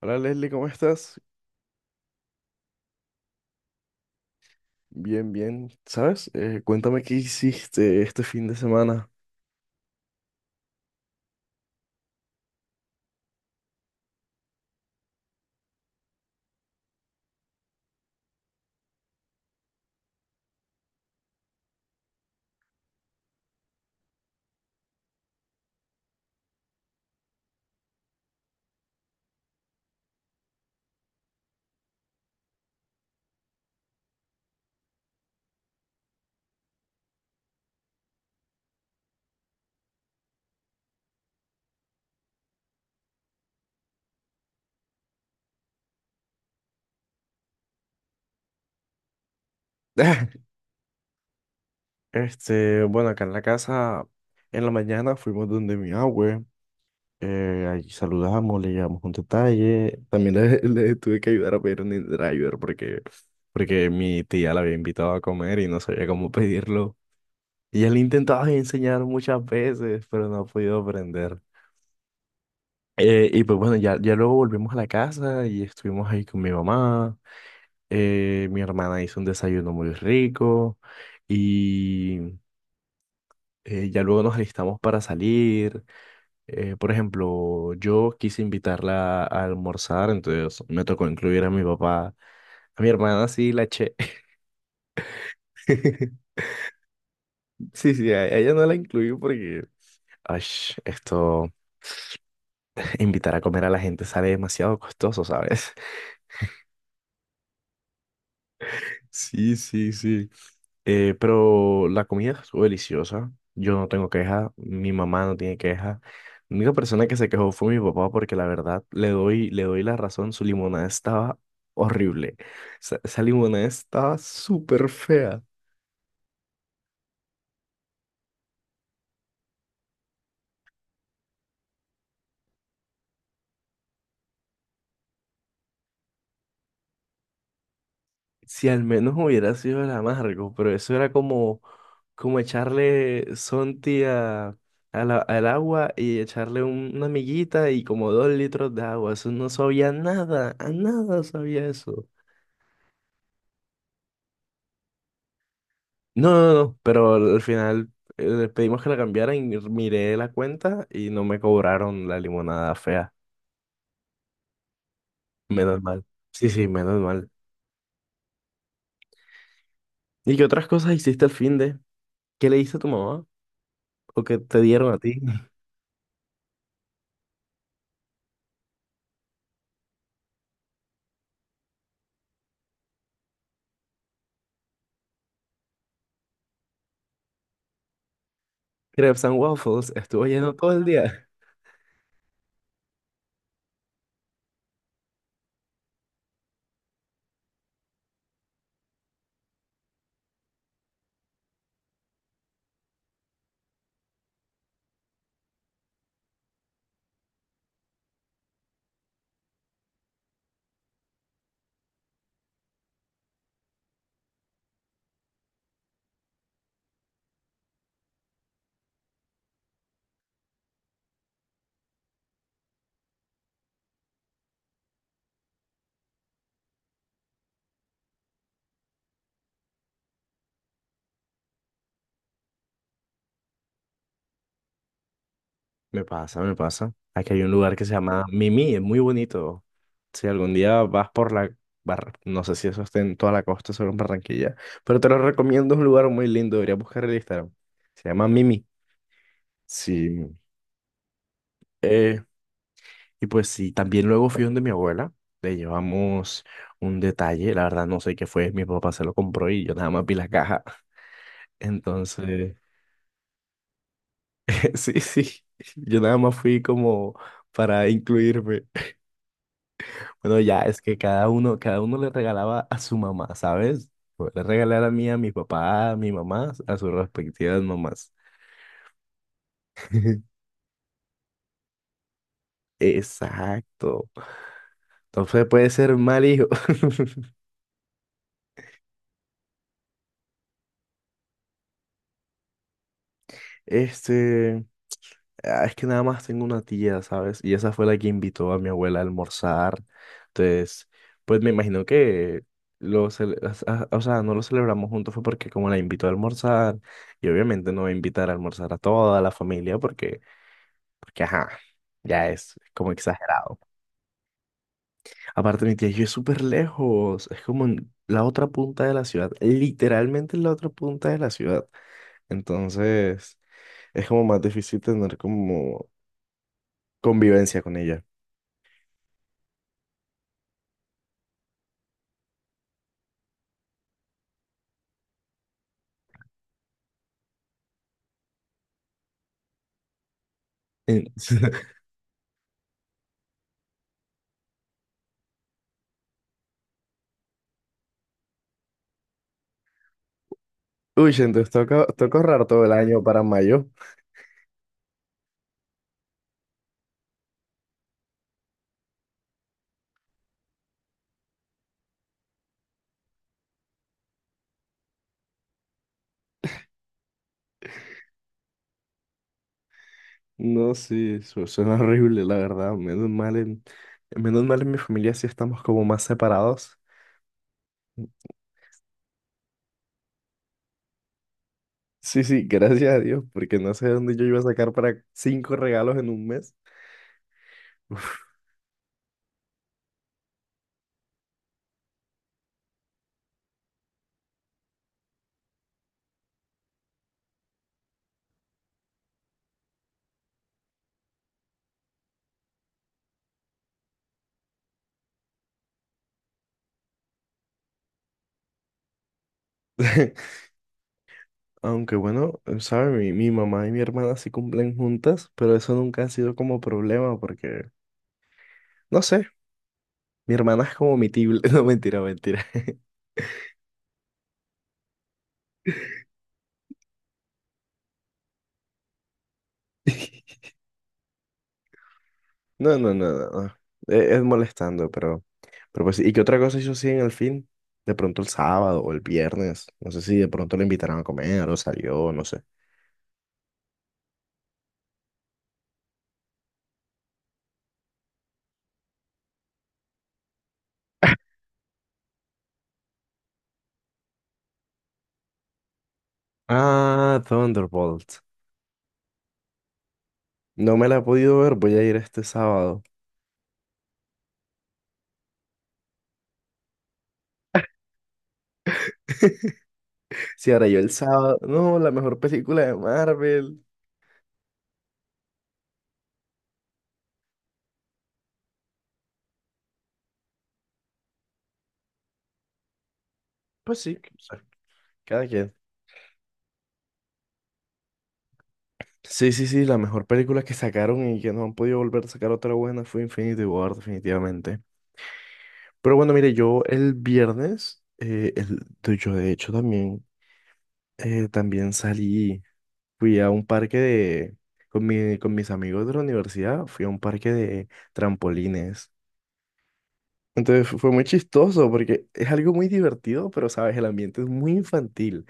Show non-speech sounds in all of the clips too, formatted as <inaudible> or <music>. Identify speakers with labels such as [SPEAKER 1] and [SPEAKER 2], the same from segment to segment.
[SPEAKER 1] Hola Leslie, ¿cómo estás? Bien, bien. ¿Sabes? Cuéntame qué hiciste este fin de semana. <laughs> Bueno, acá en la casa, en la mañana fuimos donde mi abue. Ahí saludamos, le llevamos un detalle. <laughs> Le tuve que ayudar a pedir un driver porque mi tía la había invitado a comer y no sabía cómo pedirlo. Y él intentaba <laughs> enseñar muchas veces, pero no ha podido aprender. Y pues bueno, ya luego volvimos a la casa y estuvimos ahí con mi mamá. Mi hermana hizo un desayuno muy rico y ya luego nos alistamos para salir. Por ejemplo, yo quise invitarla a almorzar, entonces me tocó incluir a mi papá. A mi hermana sí la eché. <laughs> Sí, sí, a ella no la incluí ash, esto, <laughs> invitar a comer a la gente sale demasiado costoso, ¿sabes? <laughs> Sí, sí, sí. Pero la comida estuvo deliciosa. Yo no tengo queja, mi mamá no tiene queja. La única persona que se quejó fue mi papá porque la verdad le doy la razón, su limonada estaba horrible. Esa limonada estaba súper fea. Si al menos hubiera sido el amargo, pero eso era como, como echarle Sonti a, al agua y echarle una miguita y como dos litros de agua. Eso no sabía nada, a nada sabía eso. No, no, no, pero al final pedimos que la cambiaran y miré la cuenta y no me cobraron la limonada fea. Menos mal. Sí, sí, menos mal. ¿Y qué otras cosas hiciste al fin de? ¿Qué le diste a tu mamá? ¿O qué te dieron a ti? <laughs> Crepes and Waffles, estuvo lleno todo el día. Me pasa, me pasa. Aquí hay un lugar que se llama Mimi, es muy bonito. Si algún día vas por la... Bar... No sé si eso está en toda la costa, solo en Barranquilla, pero te lo recomiendo, es un lugar muy lindo, deberías buscar el Instagram. Se llama Mimi. Sí. Eh, y pues sí, también luego fui donde mi abuela, le llevamos un detalle, la verdad no sé qué fue, mi papá se lo compró y yo nada más vi la caja, entonces, <laughs> sí, sí, yo nada más fui como para incluirme. Bueno, ya es que cada uno le regalaba a su mamá, ¿sabes? Yo le regalé a la mía, a mi papá, a mi mamá, a sus respectivas mamás. <laughs> Exacto. Entonces puede ser mal hijo. <laughs> Este. Ah, es que nada más tengo una tía, ¿sabes? Y esa fue la que invitó a mi abuela a almorzar. Entonces, pues me imagino que lo cele- as- a- o sea, no lo celebramos juntos fue porque como la invitó a almorzar, y obviamente no va a invitar a almorzar a toda la familia porque ajá, ya es como exagerado. Aparte, mi tía y yo es súper lejos, es como en la otra punta de la ciudad, literalmente en la otra punta de la ciudad. Entonces, es como más difícil tener como convivencia con ella. En- <laughs> Uy, entonces toca, toca ahorrar todo el año para mayo. No, sí, suena horrible, la verdad. Menos mal en mi familia sí estamos como más separados. Sí, sí, gracias a Dios, porque no sé de dónde yo iba a sacar para cinco regalos en un mes. Uf. <laughs> Aunque bueno, sabe, mi mamá y mi hermana sí cumplen juntas, pero eso nunca ha sido como problema porque, no sé, mi hermana es como mi tible. <laughs> No, mentira, mentira. <laughs> No, no, no, no. No. Es, molestando, pero pues, sí. ¿Y qué otra cosa hizo así en el fin? De pronto el sábado o el viernes. No sé si de pronto le invitaron a comer o salió, no sé. Ah, Thunderbolt. No me la he podido ver, voy a ir este sábado. <laughs> Si ahora yo el sábado. No, la mejor película de Marvel. Pues sí, o sea, cada quien. Sí, sí, sí, la mejor película que sacaron y que no han podido volver a sacar otra buena fue Infinity War, definitivamente. Pero bueno, mire, yo el viernes, yo de hecho también, también salí, fui a un parque de, con mi, con mis amigos de la universidad, fui a un parque de trampolines. Entonces fue muy chistoso porque es algo muy divertido, pero sabes, el ambiente es muy infantil.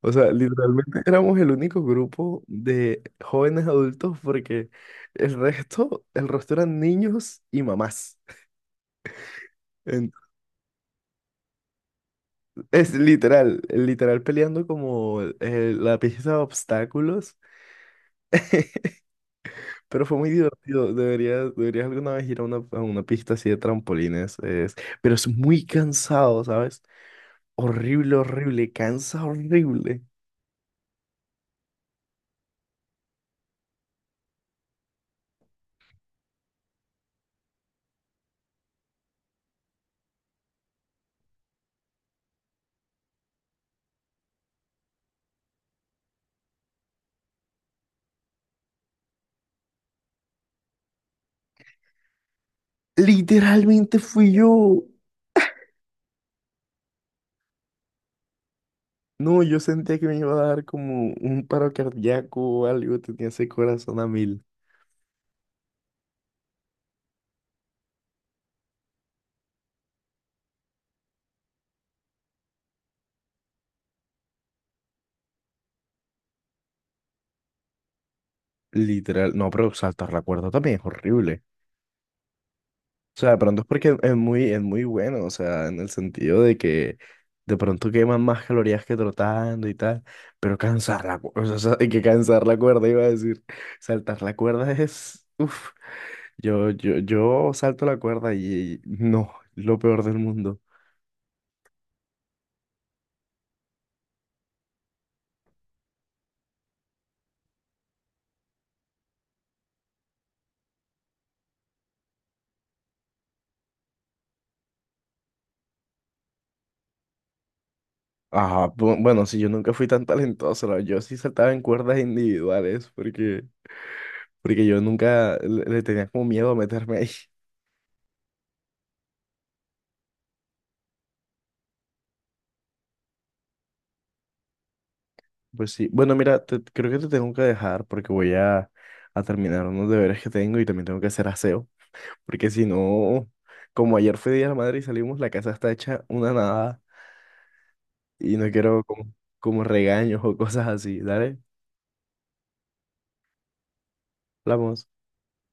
[SPEAKER 1] O sea, literalmente <laughs> éramos el único grupo de jóvenes adultos porque el resto eran niños y mamás. Es literal, literal peleando como la pista de obstáculos, pero fue muy divertido. Deberías alguna vez ir a una pista así de trampolines, es, pero es muy cansado, ¿sabes? Horrible, horrible, cansa horrible. Literalmente fui yo. No, yo sentía que me iba a dar como un paro cardíaco o algo, tenía ese corazón a mil. Literal, no, pero saltar la cuerda también es horrible. O sea, de pronto es porque es muy bueno, o sea, en el sentido de que de pronto queman más calorías que trotando y tal, pero cansar la cuerda, <laughs> o sea, hay que cansar la cuerda, iba a decir, saltar la cuerda es, uff, yo salto la cuerda y no, lo peor del mundo. Ajá, bueno, sí, yo nunca fui tan talentoso, yo sí saltaba en cuerdas individuales porque yo nunca le tenía como miedo a meterme ahí. Pues sí. Bueno, mira, creo que te tengo que dejar porque voy a terminar unos deberes que tengo y también tengo que hacer aseo. Porque si no, como ayer fue Día de la Madre y salimos, la casa está hecha una nada y no quiero como, como regaños o cosas así. Dale, hablamos.